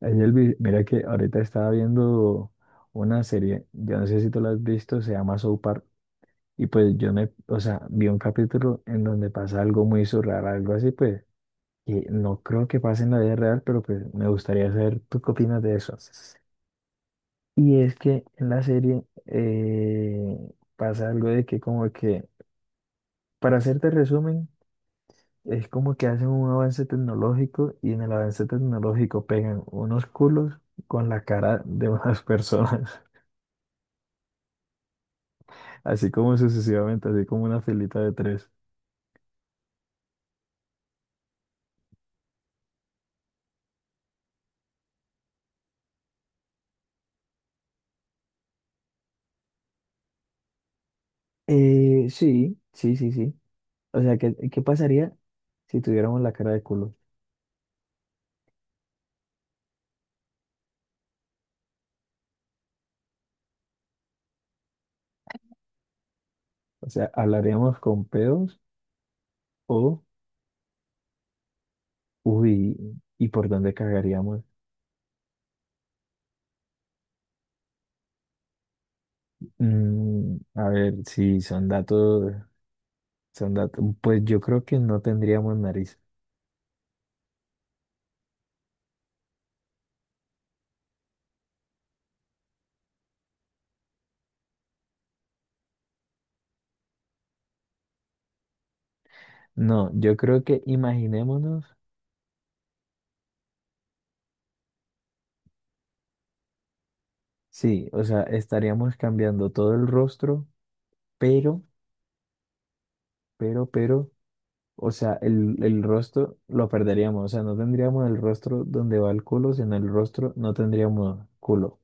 Ey, Elvis, mira que ahorita estaba viendo una serie, yo no sé si tú la has visto, se llama South Park. Y pues o sea, vi un capítulo en donde pasa algo muy surreal, algo así, pues, que no creo que pase en la vida real, pero pues me gustaría saber tú qué opinas de eso. Y es que en la serie pasa algo de que como que, para hacerte resumen, es como que hacen un avance tecnológico y en el avance tecnológico pegan unos culos con la cara de unas personas. Así como sucesivamente, así como una filita de tres. Sí, sí, sí, sí. O sea, ¿qué, qué pasaría si tuviéramos la cara de culo? O sea, ¿hablaríamos con pedos o, uy, ¿y por dónde cagaríamos? A ver, si son datos, son datos, pues yo creo que no tendríamos nariz. No, yo creo que imaginémonos, sí, o sea, estaríamos cambiando todo el rostro, pero, pero. O sea, el rostro lo perderíamos. O sea, no tendríamos el rostro donde va el culo, sino el rostro no tendríamos culo.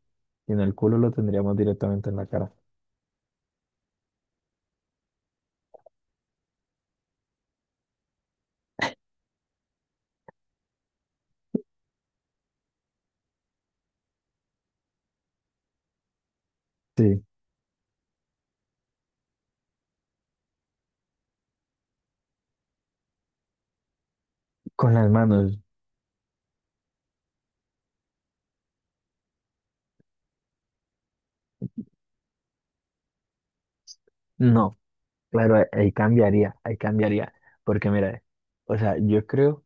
Sino el culo lo tendríamos directamente en la cara. Sí, con las manos. No, claro, ahí cambiaría, ahí cambiaría. Porque mira, o sea, yo creo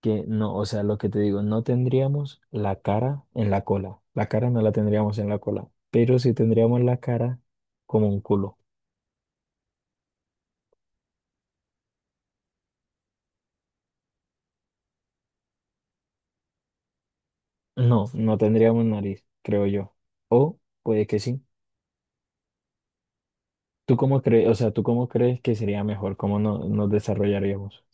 que no, o sea, lo que te digo, no tendríamos la cara en la cola. La cara no la tendríamos en la cola, pero sí tendríamos la cara como un culo. No, no tendríamos nariz, creo yo. O puede que sí. ¿Tú cómo crees, o sea, tú cómo crees que sería mejor? ¿Cómo no, nos desarrollaríamos?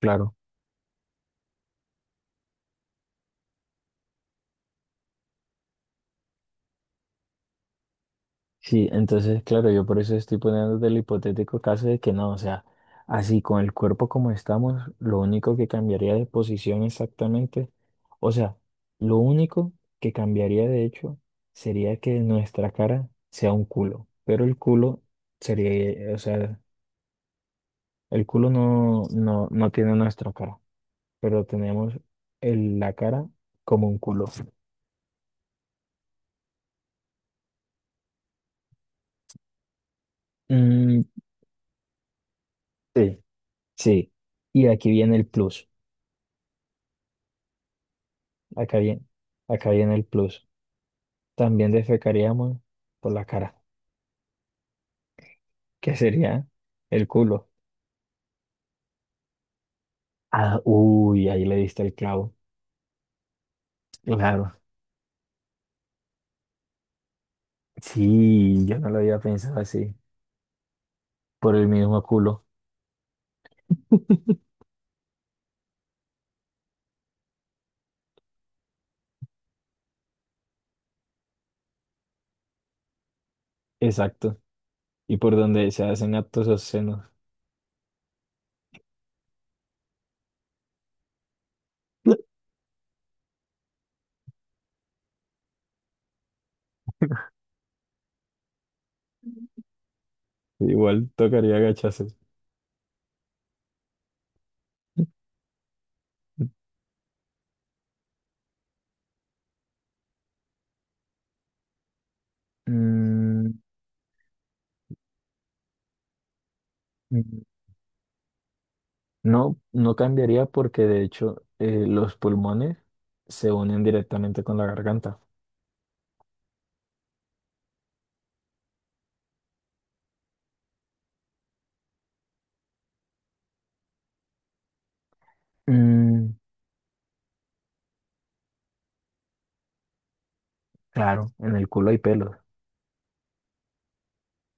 Claro. Sí, entonces, claro, yo por eso estoy poniendo del hipotético caso de que no, o sea, así con el cuerpo como estamos, lo único que cambiaría de posición exactamente, o sea, lo único que cambiaría de hecho sería que nuestra cara sea un culo, pero el culo sería, o sea, el culo no tiene nuestra cara, pero tenemos la cara como un culo. Mm, sí, sí. Y aquí viene el plus. Acá viene, acá viene el plus. También defecaríamos por la cara, que sería el culo. Ah, uy, ahí le diste el clavo. Claro. Sí, yo no lo había pensado así. Por el mismo culo. Exacto. Y por donde se hacen actos obscenos. Igual tocaría agacharse. Mm, mm, no, no cambiaría porque de hecho los pulmones se unen directamente con la garganta. Mm, claro, en el culo hay pelos.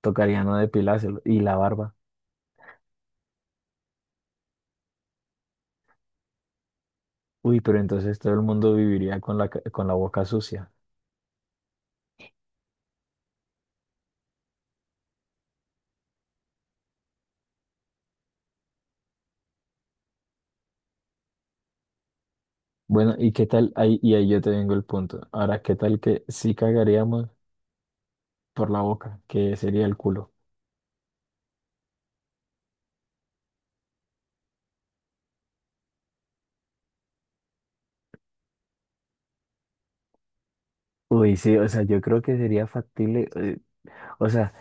Tocaría no depilárselo. Y la barba. Uy, pero entonces todo el mundo viviría con la, con la boca sucia. Bueno, ¿y qué tal? Ahí, y ahí yo te vengo el punto. Ahora, ¿qué tal que sí cagaríamos por la boca, que sería el culo? Uy, sí, o sea, yo creo que sería factible. O sea,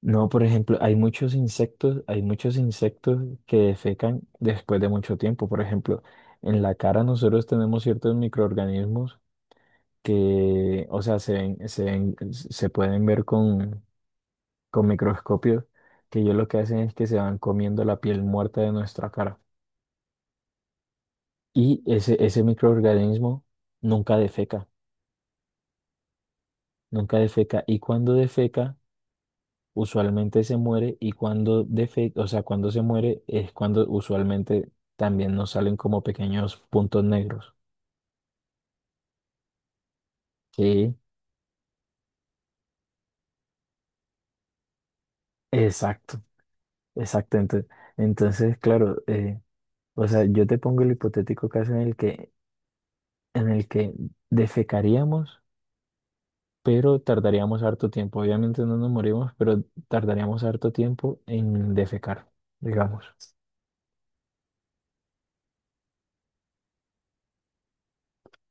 no, por ejemplo, hay muchos insectos que defecan después de mucho tiempo. Por ejemplo, en la cara nosotros tenemos ciertos microorganismos que, o sea, se pueden ver con microscopios, que ellos lo que hacen es que se van comiendo la piel muerta de nuestra cara. Y ese microorganismo nunca defeca, nunca defeca. Y cuando defeca, usualmente se muere. Y cuando defeca, o sea, cuando se muere es cuando usualmente también nos salen como pequeños puntos negros. Sí, exacto, exacto. Entonces, claro, o sea, yo te pongo el hipotético caso en el que defecaríamos, pero tardaríamos harto tiempo. Obviamente no nos morimos, pero tardaríamos harto tiempo en defecar, digamos.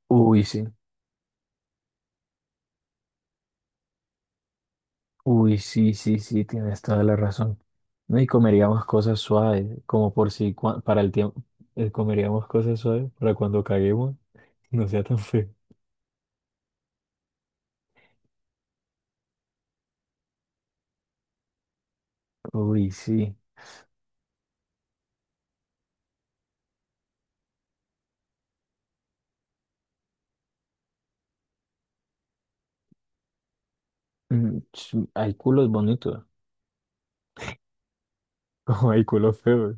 Uy, sí, uy, sí, sí, sí, tienes toda la razón. No, y comeríamos cosas suaves, como por si para el tiempo, comeríamos cosas suaves para cuando caguemos, no sea tan feo. Uy, sí. Hay culos bonitos, como hay culos feos.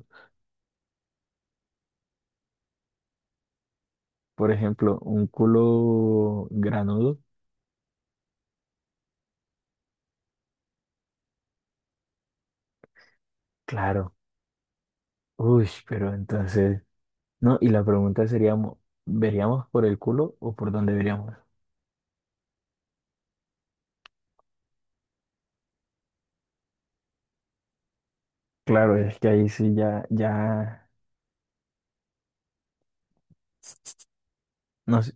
Por ejemplo, un culo granudo, claro. Uy, pero entonces, no, y la pregunta sería, ¿veríamos por el culo o por dónde veríamos? Claro, es que ahí sí ya, ya, no sé,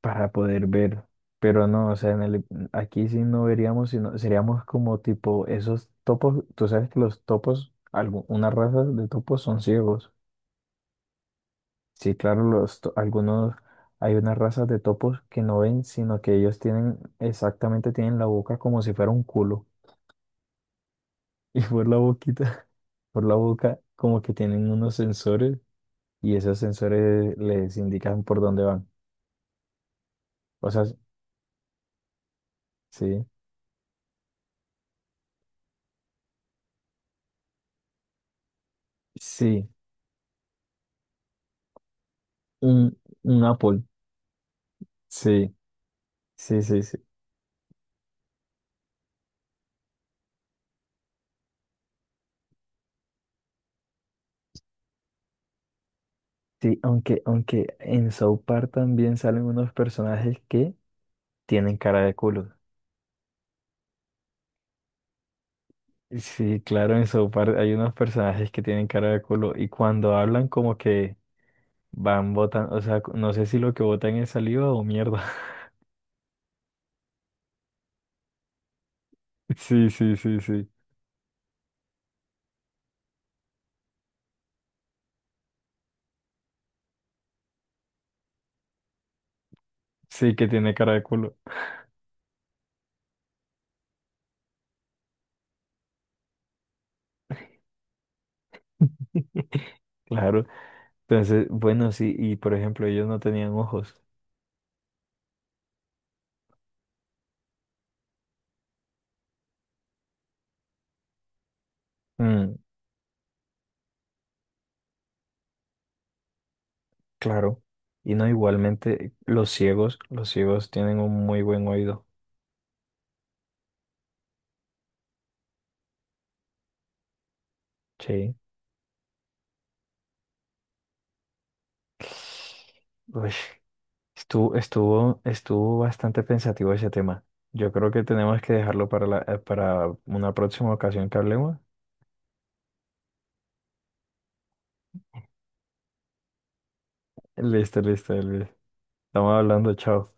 para poder ver, pero no, o sea, en el, aquí sí no veríamos, sino seríamos como tipo esos topos, tú sabes que los topos, unas razas de topos son ciegos. Sí, claro, los, algunos, hay unas razas de topos que no ven, sino que ellos tienen, exactamente tienen la boca como si fuera un culo. Y por la boquita, por la boca, como que tienen unos sensores y esos sensores les indican por dónde van. O sea, sí, sí, un, un Apple, sí, sí, sí, sí. Sí, aunque, aunque en South Park también salen unos personajes que tienen cara de culo. Sí, claro, en South Park hay unos personajes que tienen cara de culo y cuando hablan como que van botan, o sea, no sé si lo que botan es saliva o mierda. Sí, sí, sí, sí. Sí, que tiene cara de culo. Claro. Entonces, bueno, sí, y por ejemplo, ellos no tenían ojos. Mm, claro. Y no, igualmente, los ciegos tienen un muy buen oído. Sí. Uy, estuvo bastante pensativo ese tema. Yo creo que tenemos que dejarlo para la, para una próxima ocasión que hablemos. Listo, listo, Elvis. Estamos hablando, chao.